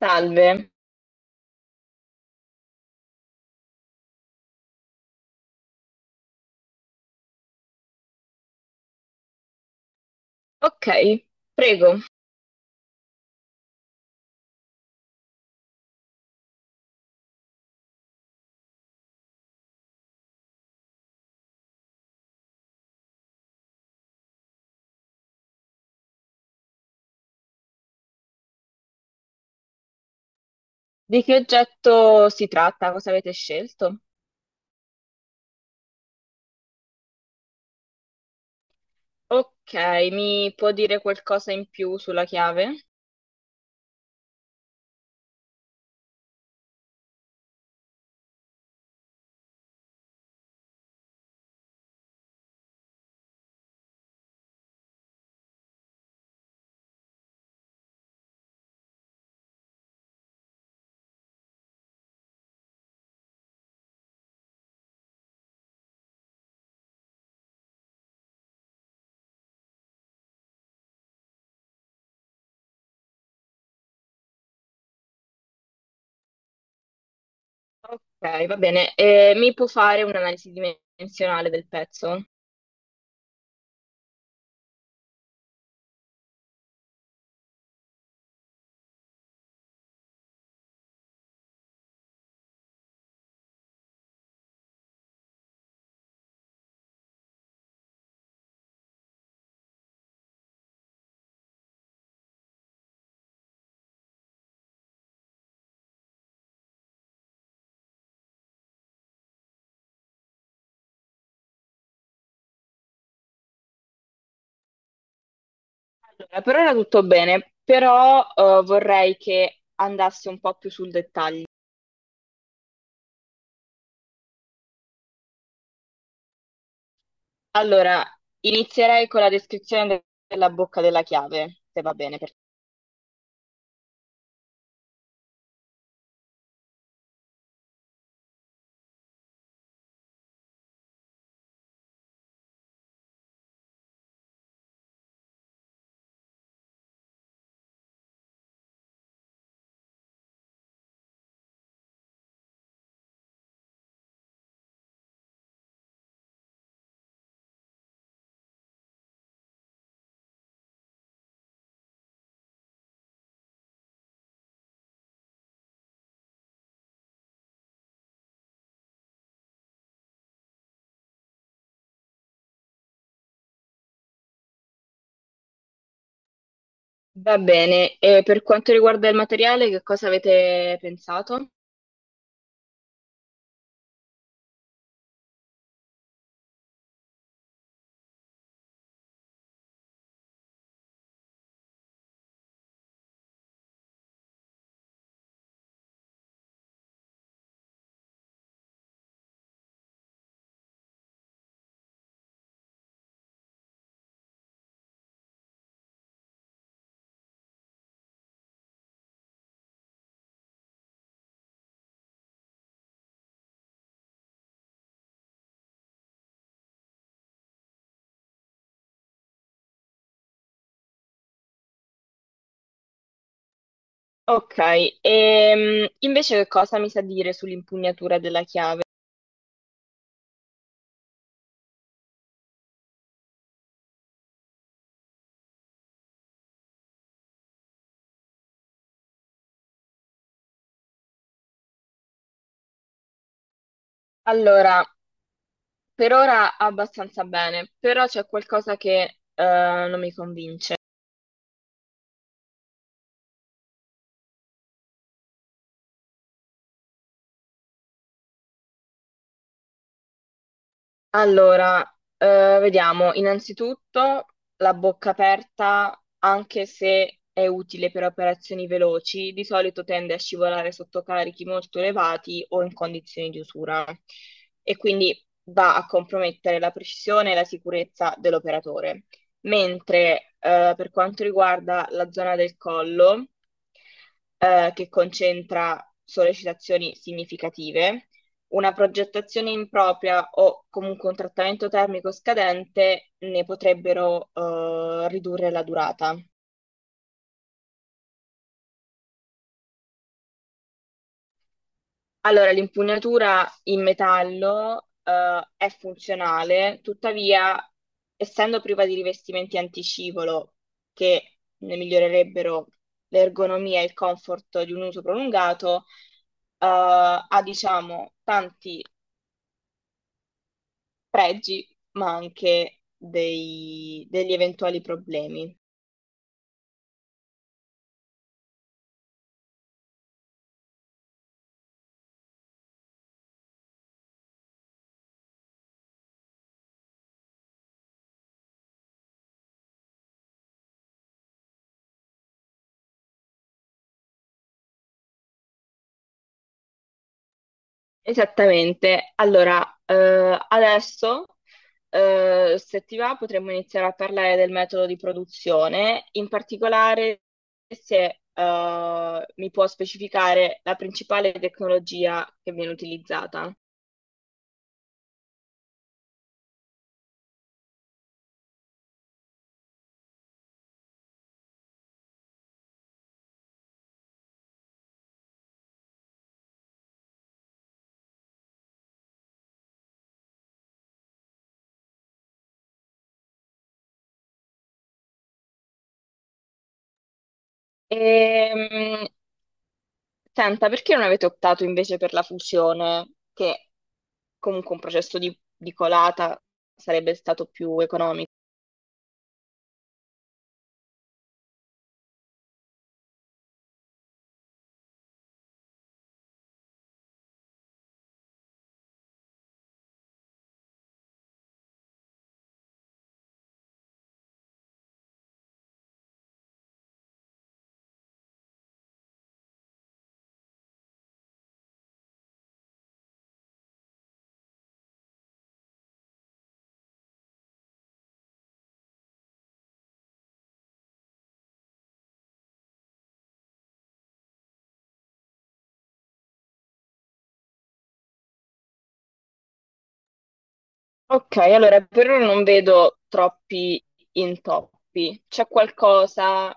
Salve. Ok, prego. Di che oggetto si tratta? Cosa avete scelto? Ok, mi può dire qualcosa in più sulla chiave? Ok, va bene. Mi può fare un'analisi dimensionale del pezzo? Allora, per ora tutto bene, però vorrei che andasse un po' più sul dettaglio. Allora, inizierei con la descrizione della bocca della chiave, se va bene per. Va bene, e per quanto riguarda il materiale, che cosa avete pensato? Ok, invece che cosa mi sa dire sull'impugnatura della chiave? Allora, per ora abbastanza bene, però c'è qualcosa che eh, non mi convince. Allora, vediamo, innanzitutto la bocca aperta, anche se è utile per operazioni veloci, di solito tende a scivolare sotto carichi molto elevati o in condizioni di usura e quindi va a compromettere la precisione e la sicurezza dell'operatore. Mentre per quanto riguarda la zona del collo, che concentra sollecitazioni significative, una progettazione impropria o comunque un trattamento termico scadente ne potrebbero ridurre la durata. Allora, l'impugnatura in metallo è funzionale, tuttavia, essendo priva di rivestimenti anticivolo che ne migliorerebbero l'ergonomia e il comfort di un uso prolungato, ha diciamo tanti pregi, ma anche degli eventuali problemi. Esattamente. Allora, adesso, se ti va, potremmo iniziare a parlare del metodo di produzione, in particolare se, mi può specificare la principale tecnologia che viene utilizzata. Ehm, Senta, perché non avete optato invece per la fusione, che comunque un processo di colata sarebbe stato più economico? Ok, allora per ora non vedo troppi intoppi. C'è qualcosa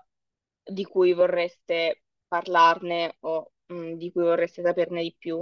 di cui vorreste parlarne o di cui vorreste saperne di più?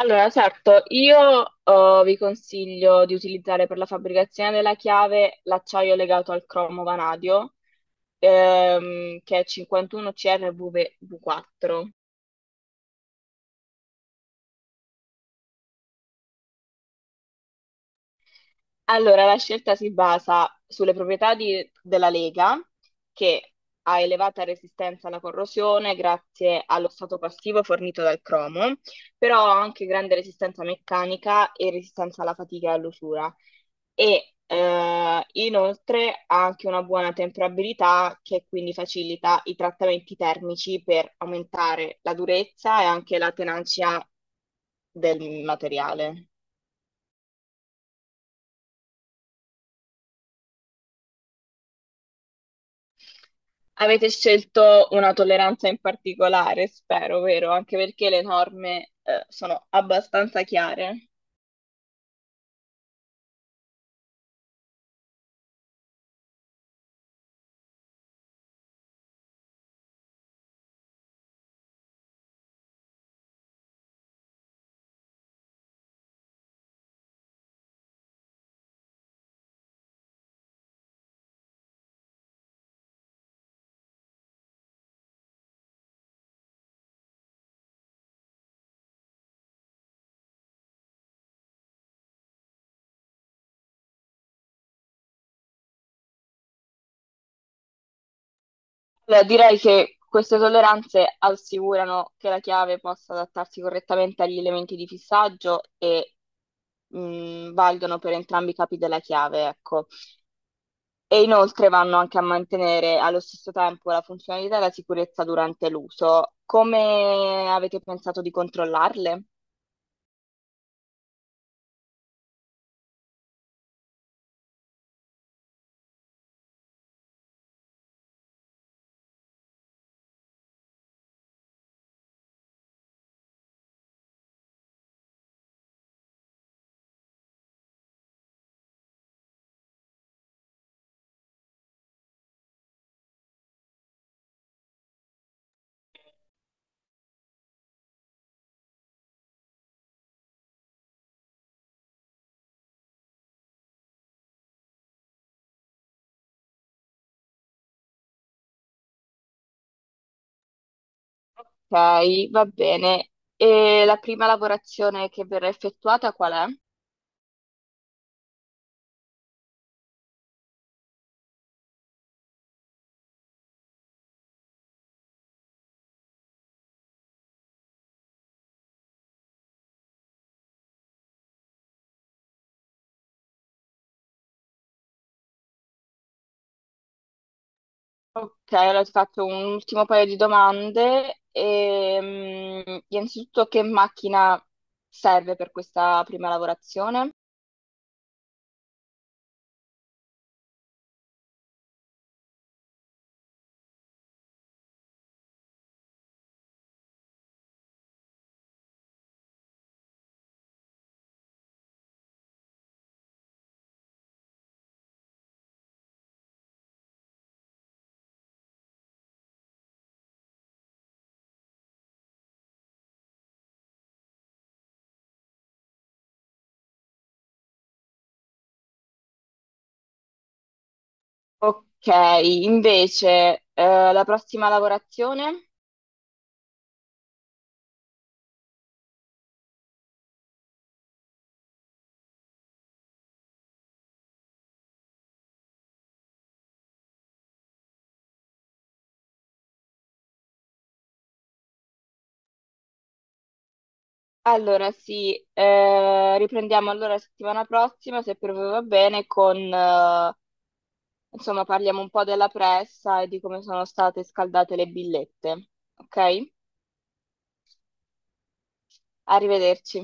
Allora, certo, io vi consiglio di utilizzare per la fabbricazione della chiave l'acciaio legato al cromo vanadio, che è 51 CRV4. Allora, la scelta si basa sulle proprietà della lega, che ha elevata resistenza alla corrosione grazie allo stato passivo fornito dal cromo, però ha anche grande resistenza meccanica e resistenza alla fatica e all'usura. E inoltre ha anche una buona temperabilità che quindi facilita i trattamenti termici per aumentare la durezza e anche la tenacia del materiale. Avete scelto una tolleranza in particolare, spero, vero? Anche perché le norme, sono abbastanza chiare. Allora, direi che queste tolleranze assicurano che la chiave possa adattarsi correttamente agli elementi di fissaggio e valgono per entrambi i capi della chiave, ecco. E inoltre vanno anche a mantenere allo stesso tempo la funzionalità e la sicurezza durante l'uso. Come avete pensato di controllarle? Ok, va bene. E la prima lavorazione che verrà effettuata qual è? Ok, allora ti faccio un ultimo paio di domande. Innanzitutto, che macchina serve per questa prima lavorazione? Ok, invece, la prossima lavorazione? Allora sì, riprendiamo allora la settimana prossima, se per voi va bene, con insomma, parliamo un po' della pressa e di come sono state scaldate le billette. Ok? Arrivederci.